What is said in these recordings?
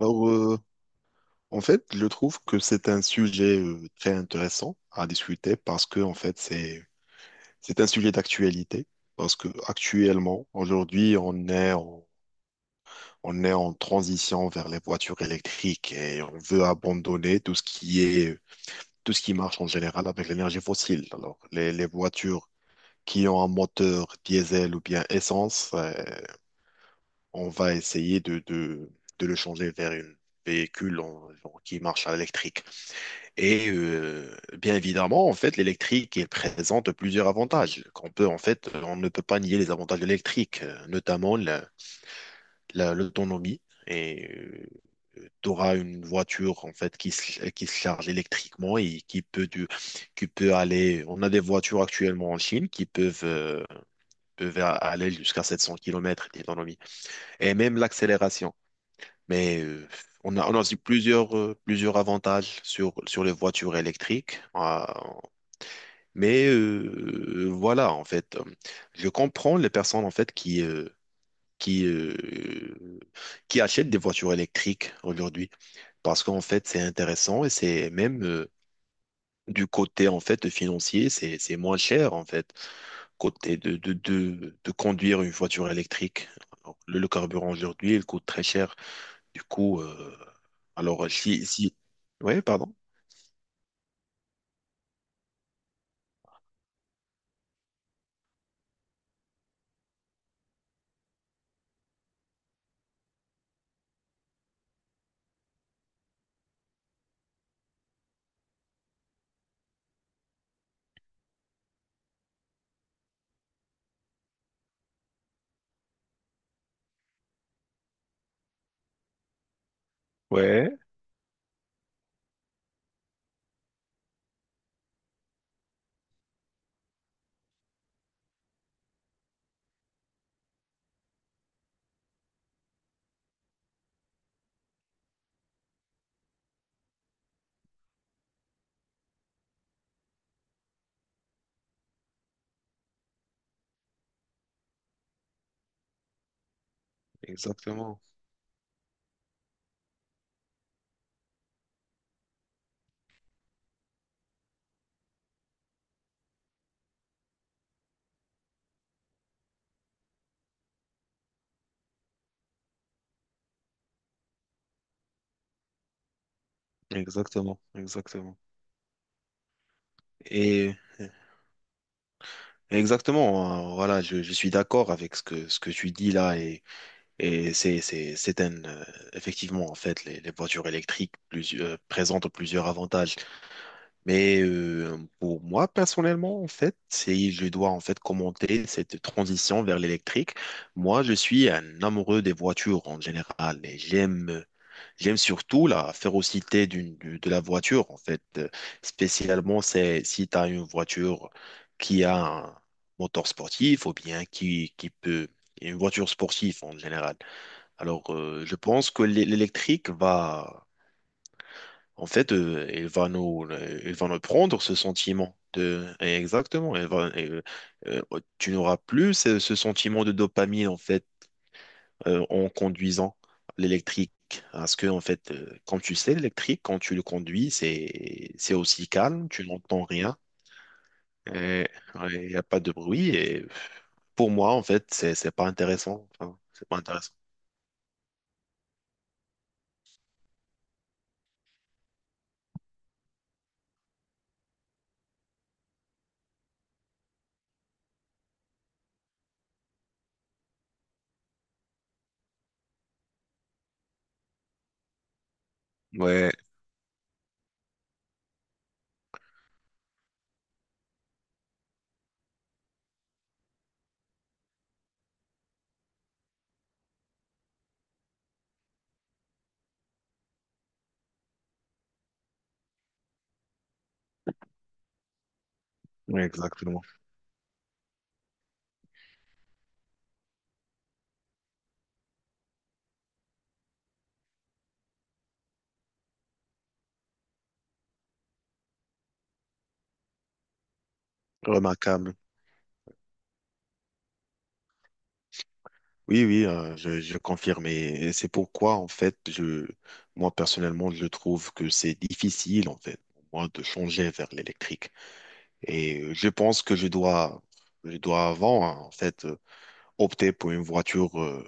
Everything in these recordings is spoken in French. Alors, euh, en fait, je trouve que c'est un sujet très intéressant à discuter parce que, en fait, c'est un sujet d'actualité parce que actuellement, aujourd'hui, on est en transition vers les voitures électriques et on veut abandonner tout ce qui marche en général avec l'énergie fossile. Alors, les voitures qui ont un moteur diesel ou bien essence, on va essayer de le changer vers un véhicule qui marche à l'électrique. Et euh, Bien évidemment, en fait, l'électrique il présente plusieurs avantages qu'on peut, en fait, on ne peut pas nier les avantages de l'électrique, notamment l'autonomie. Et tu auras une voiture en fait qui se charge électriquement et qui peut aller. On a des voitures actuellement en Chine qui peuvent, aller jusqu'à 700 kilomètres d'autonomie et même l'accélération. Mais euh, on a, on a aussi plusieurs, plusieurs avantages sur les voitures électriques. Voilà, en fait, je comprends les personnes en fait qui euh, qui achètent des voitures électriques aujourd'hui parce qu'en fait c'est intéressant et c'est même du côté en fait financier c'est moins cher en fait côté de conduire une voiture électrique. Alors, le le, carburant aujourd'hui il coûte très cher. Du coup, alors si si Ouais, pardon. Ouais, exactement. Exactement, exactement. Et exactement, voilà, je suis d'accord avec ce que tu dis là et, c'est un, effectivement, en fait, les voitures électriques présentent plusieurs avantages. Pour moi, personnellement, en fait, si je dois en fait commenter cette transition vers l'électrique, moi, je suis un amoureux des voitures en général et j'aime surtout la férocité de la voiture, en fait. Spécialement, c'est si tu as une voiture qui a un moteur sportif ou bien qui peut... Une voiture sportive en général. Je pense que l'électrique va... En fait, il va nous prendre ce sentiment de... Exactement. Euh, Tu n'auras plus ce sentiment de dopamine, en fait, en conduisant l'électrique. Parce que, en fait, comme tu sais, l'électrique, quand tu le conduis, c'est aussi calme, tu n'entends rien, et il n'y a pas de bruit. Et pour moi, en fait, c'est pas intéressant. Enfin, c'est pas intéressant. Ouais, ouais, exactement. Remarquable. Oui, oui, je confirme. Et c'est pourquoi, en fait, moi, personnellement, je trouve que c'est difficile, en fait, pour moi, de changer vers l'électrique. Je pense que je dois avant, hein, en fait, opter pour une voiture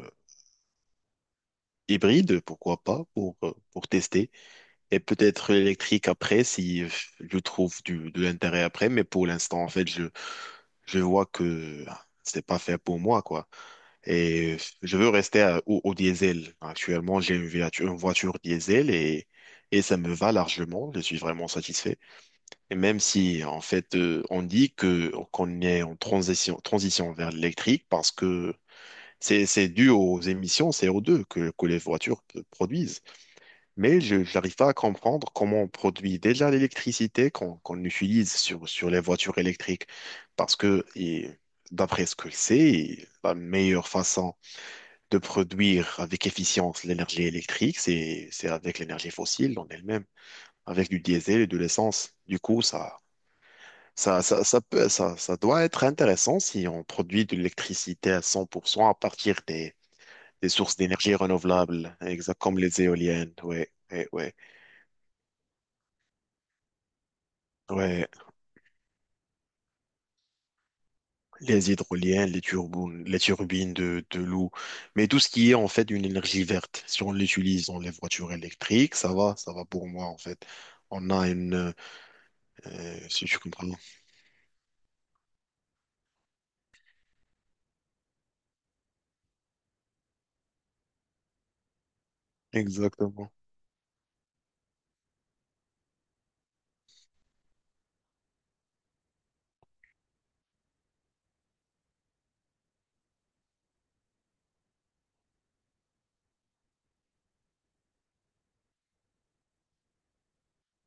hybride, pourquoi pas, pour tester. Et peut-être l'électrique après, si je trouve du, de l'intérêt après. Mais pour l'instant, en fait, je vois que ah, c'est pas fait pour moi, quoi. Et je veux rester au au diesel. Actuellement, j'ai une voiture diesel et ça me va largement. Je suis vraiment satisfait. Et même si, en fait, on dit que qu'on est en transition, transition vers l'électrique parce que c'est dû aux émissions co deux que les voitures produisent. Mais je n'arrive pas à comprendre comment on produit déjà l'électricité qu'on utilise sur les voitures électriques. Parce que, et d'après ce que je sais, la meilleure façon de produire avec efficience l'énergie électrique, c'est avec l'énergie fossile en elle-même, avec du diesel et de l'essence. Du coup, ça doit être intéressant si on produit de l'électricité à 100% à partir des sources d'énergie renouvelables, exact comme les éoliennes, ouais. Ouais, ouais, ouais. Les hydroliennes, les turbines de l'eau. Mais tout ce qui est en fait une énergie verte, si on l'utilise dans les voitures électriques, ça va pour moi en fait. On a une, euh, si tu comprends. Exactement.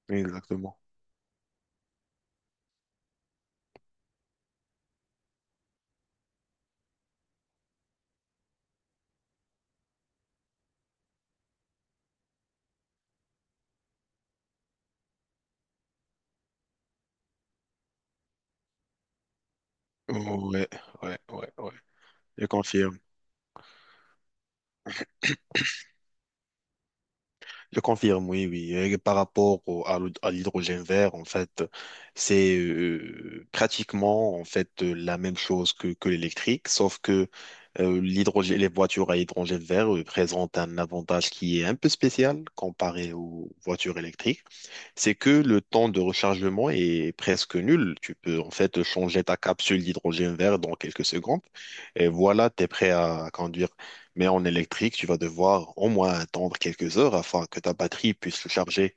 Exactement. Ouais, ouais, ouais, ouais. Je confirme. Je confirme, oui, oui. Et par rapport à à l'hydrogène vert, en fait, c'est pratiquement en fait la même chose que l'électrique, sauf que l'hydrogène, les voitures à hydrogène vert présentent un avantage qui est un peu spécial comparé aux voitures électriques. C'est que le temps de rechargement est presque nul. Tu peux en fait changer ta capsule d'hydrogène vert dans quelques secondes et voilà, tu es prêt à conduire. Mais en électrique, tu vas devoir au moins attendre quelques heures afin que ta batterie puisse se charger.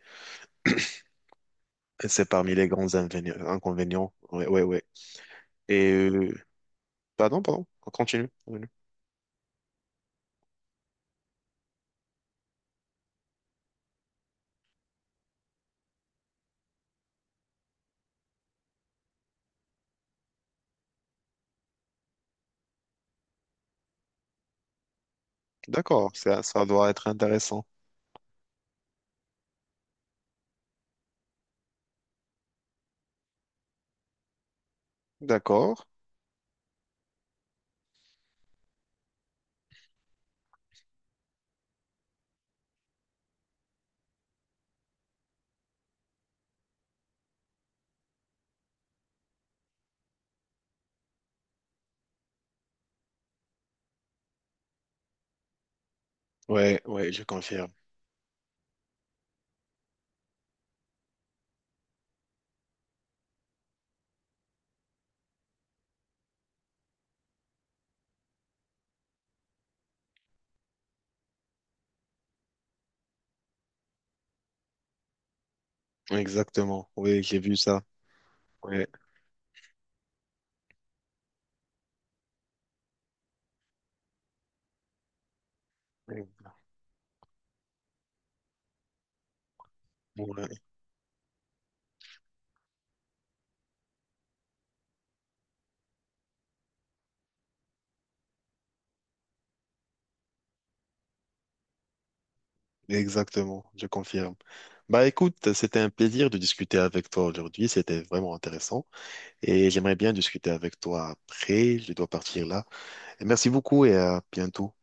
Et c'est parmi les grands inconvénients. Ouais, ouais, ouais. Et euh, Pardon, pardon, on continue. Continue. D'accord, ça doit être intéressant. D'accord. Ouais, ouais, je confirme. Exactement. Oui, j'ai vu ça. Ouais. Ouais. Exactement, je confirme. Bah écoute, c'était un plaisir de discuter avec toi aujourd'hui, c'était vraiment intéressant et j'aimerais bien discuter avec toi après, je dois partir là. Et merci beaucoup et à bientôt.